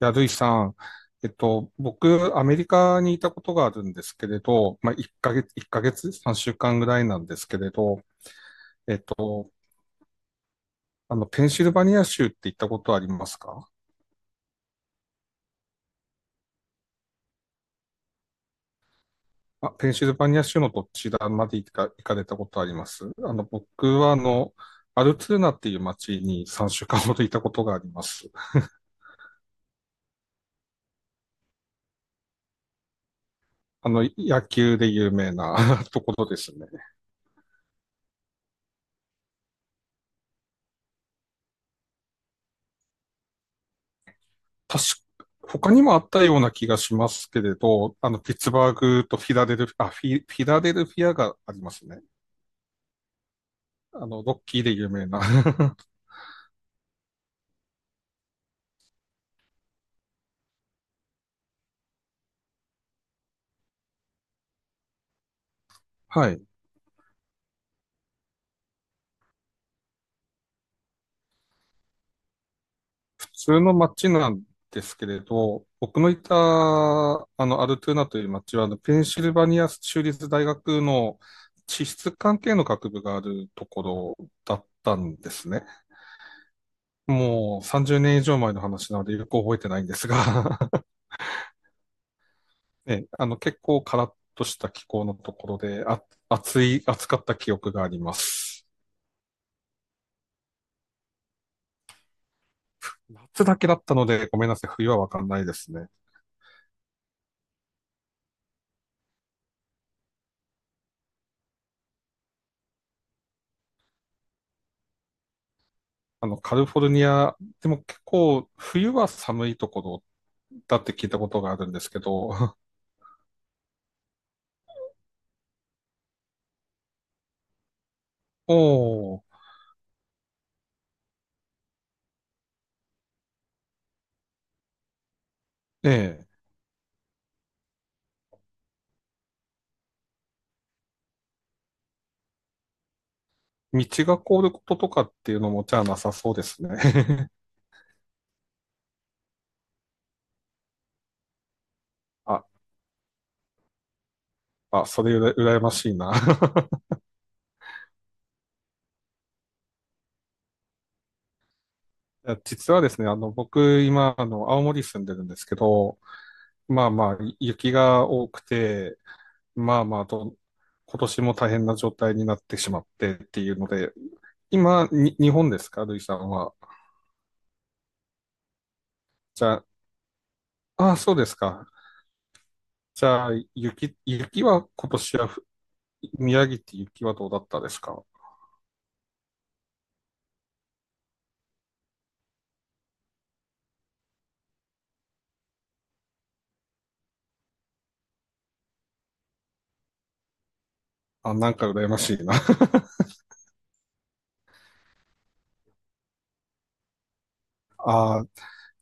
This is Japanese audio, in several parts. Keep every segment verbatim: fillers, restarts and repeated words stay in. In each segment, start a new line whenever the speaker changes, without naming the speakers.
いや、ルイさん、えっと、僕、アメリカにいたことがあるんですけれど、まあ、1ヶ月、1ヶ月、さんしゅうかんぐらいなんですけれど、えっと、あの、ペンシルバニア州って行ったことありますか？あ、ペンシルバニア州のどちらまで行か、行かれたことあります？あの、僕は、あの、アルツーナっていう町にさんしゅうかんほどいたことがあります。あの、野球で有名な ところですね。確か、他にもあったような気がしますけれど、あの、ピッツバーグとフィラデルフィア、あ、フィ、フィラデルフィアがありますね。あの、ロッキーで有名な。はい。普通の街なんですけれど、僕のいた、あの、アルトゥーナという街は、あのペンシルバニア州立大学の地質関係の学部があるところだったんですね。もうさんじゅうねん以上前の話なのでよく覚えてないんですが、 ね、あの、結構カラッとした気候のところで、あ、暑い、暑かった記憶があります。夏だけだったので、ごめんなさい、冬はわかんないですね。あの、カリフォルニア、でも結構、冬は寒いところだって聞いたことがあるんですけど、おー、ねえ、道が凍ることとかっていうのもじゃあなさそうですね。あ、あ、それうら羨ましいな。いや実はですね、あの、僕、今、あの、青森住んでるんですけど、まあまあ、雪が多くて、まあまあと、今年も大変な状態になってしまってっていうので、今、に日本ですか、ルイさんは。じゃあ、あ、そうですか。じゃあ、雪、雪は今年はふ、宮城って雪はどうだったですか？あ、なんか羨ましいな。あ、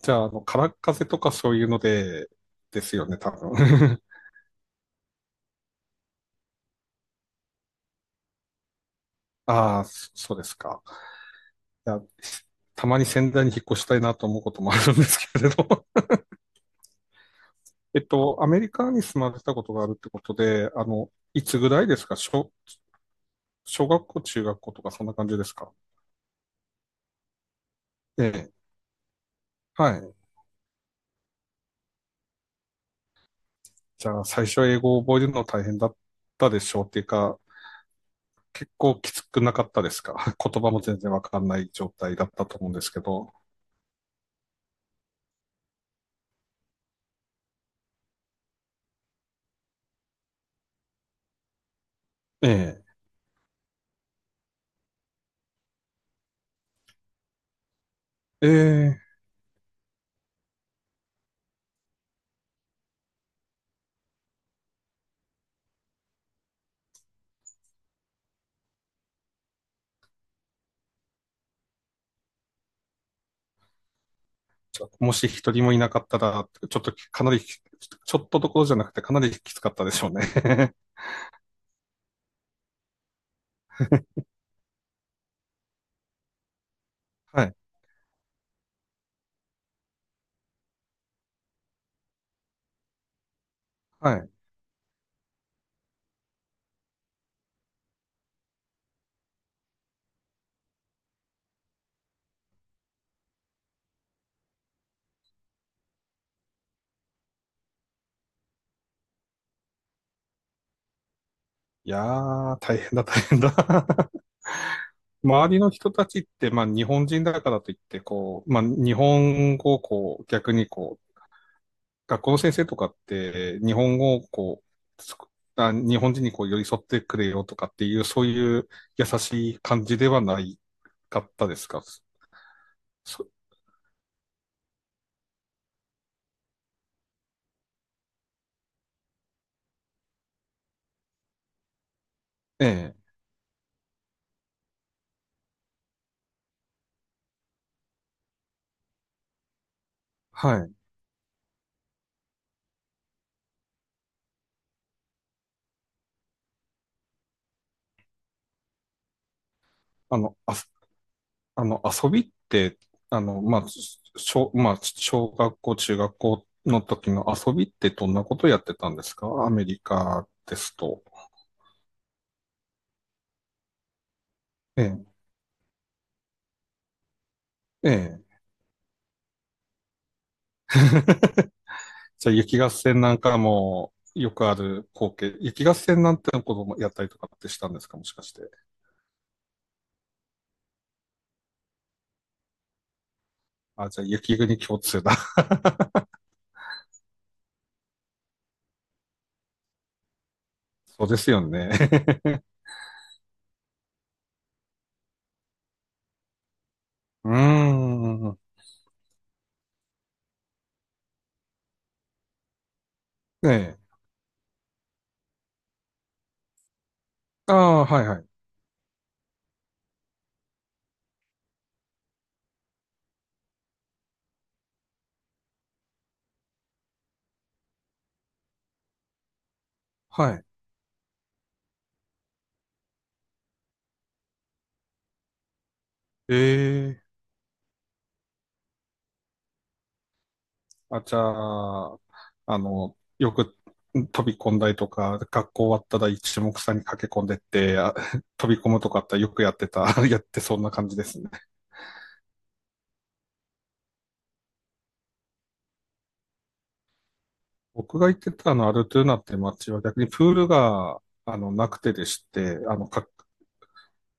じゃあ、あの、空っ風とかそういうので、ですよね、多分。ああ、そそうですか。いや、たまに仙台に引っ越したいなと思うこともあるんですけれど。えっと、アメリカに住まれたことがあるってことで、あの、いつぐらいですか？小、小学校、中学校とかそんな感じですか？ええ。はい。じゃあ、最初英語を覚えるの大変だったでしょうっていうか、結構きつくなかったですか？ 言葉も全然わかんない状態だったと思うんですけど。ええ。ええ。もし一人もいなかったら、ちょっとかなり、ちょっとどころじゃなくてかなりきつかったでしょうね。はい。はい。いやー、大変だ、大変だ。周りの人たちって、まあ日本人だからといって、こう、まあ日本語をこう、逆にこう、学校の先生とかって、日本語をこう、あ日本人にこう寄り添ってくれよとかっていう、そういう優しい感じではないかったですか。そええはい。あの、あ、あの、遊びって、あの、まあ、小、まあ、小学校、中学校の時の遊びってどんなことやってたんですか、アメリカですと。ええ、ええ。じゃあ、雪合戦なんかもよくある光景。雪合戦なんてのこともやったりとかってしたんですか、もしかして。あ、じゃあ、雪国共通だ。そうですよね。うーん。ええ。ああ、はいはい。はい。ええ、あ、じゃあ、あの、よく飛び込んだりとか、学校終わったら一目散に駆け込んでって、あ 飛び込むとかあったらよくやってた、やってそんな感じですね。僕が行ってたあのアルトゥーナって街は逆にプールが、あの、なくてでして、あの、か、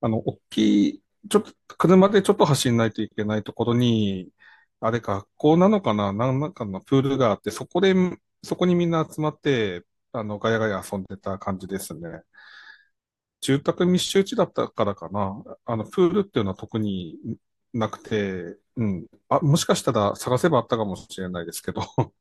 あの、大きい、ちょっと、車でちょっと走んないといけないところに、あれ、学校なのかな、なんなんかのプールがあって、そこで、そこにみんな集まって、あの、ガヤガヤ遊んでた感じですね。住宅密集地だったからかな。あの、プールっていうのは特になくて、うん。あ、もしかしたら探せばあったかもしれないですけど、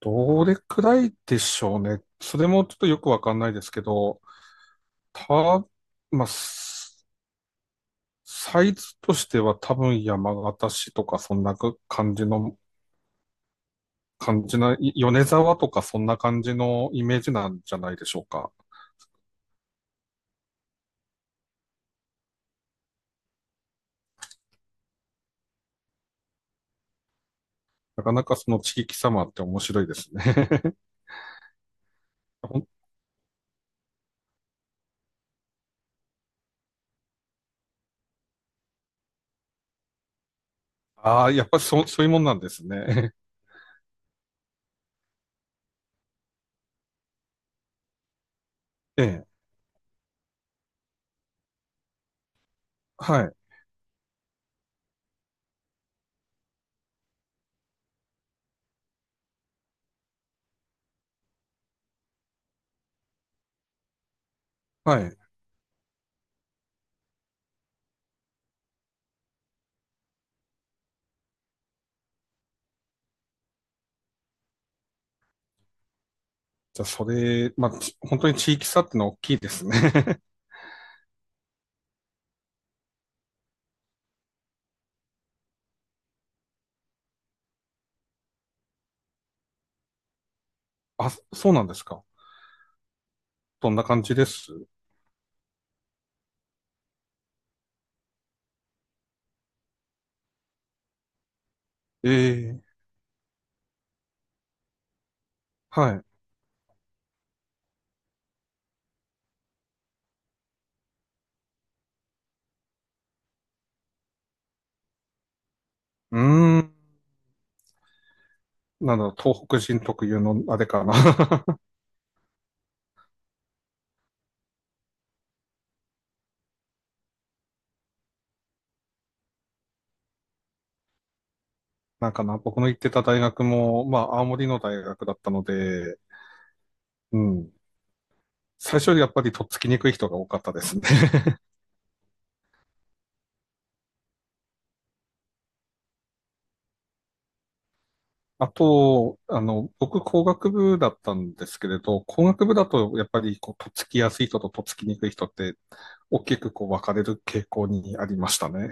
どれくらいでしょうね。それもちょっとよくわかんないですけど、た、まあ、すサイズとしては多分山形市とかそんな感じの、感じな、い米沢とかそんな感じのイメージなんじゃないでしょうか。なかなかその地域様って面白いですね。ああ、やっぱりそ、そういうもんなんですね。ええ、はい、はい。じゃあ、それ、まあ、ち本当に地域差ってのは大きいですね。あ、そうなんですか。どんな感じです？ええ、はい。うーん。なんだろう、東北人特有のあれかな。なんかな、僕の行ってた大学も、まあ、青森の大学だったので、うん。最初よりやっぱりとっつきにくい人が多かったですね。あと、あの、僕工学部だったんですけれど、工学部だとやっぱりこう、とっつきやすい人ととっつきにくい人って大きくこう分かれる傾向にありましたね。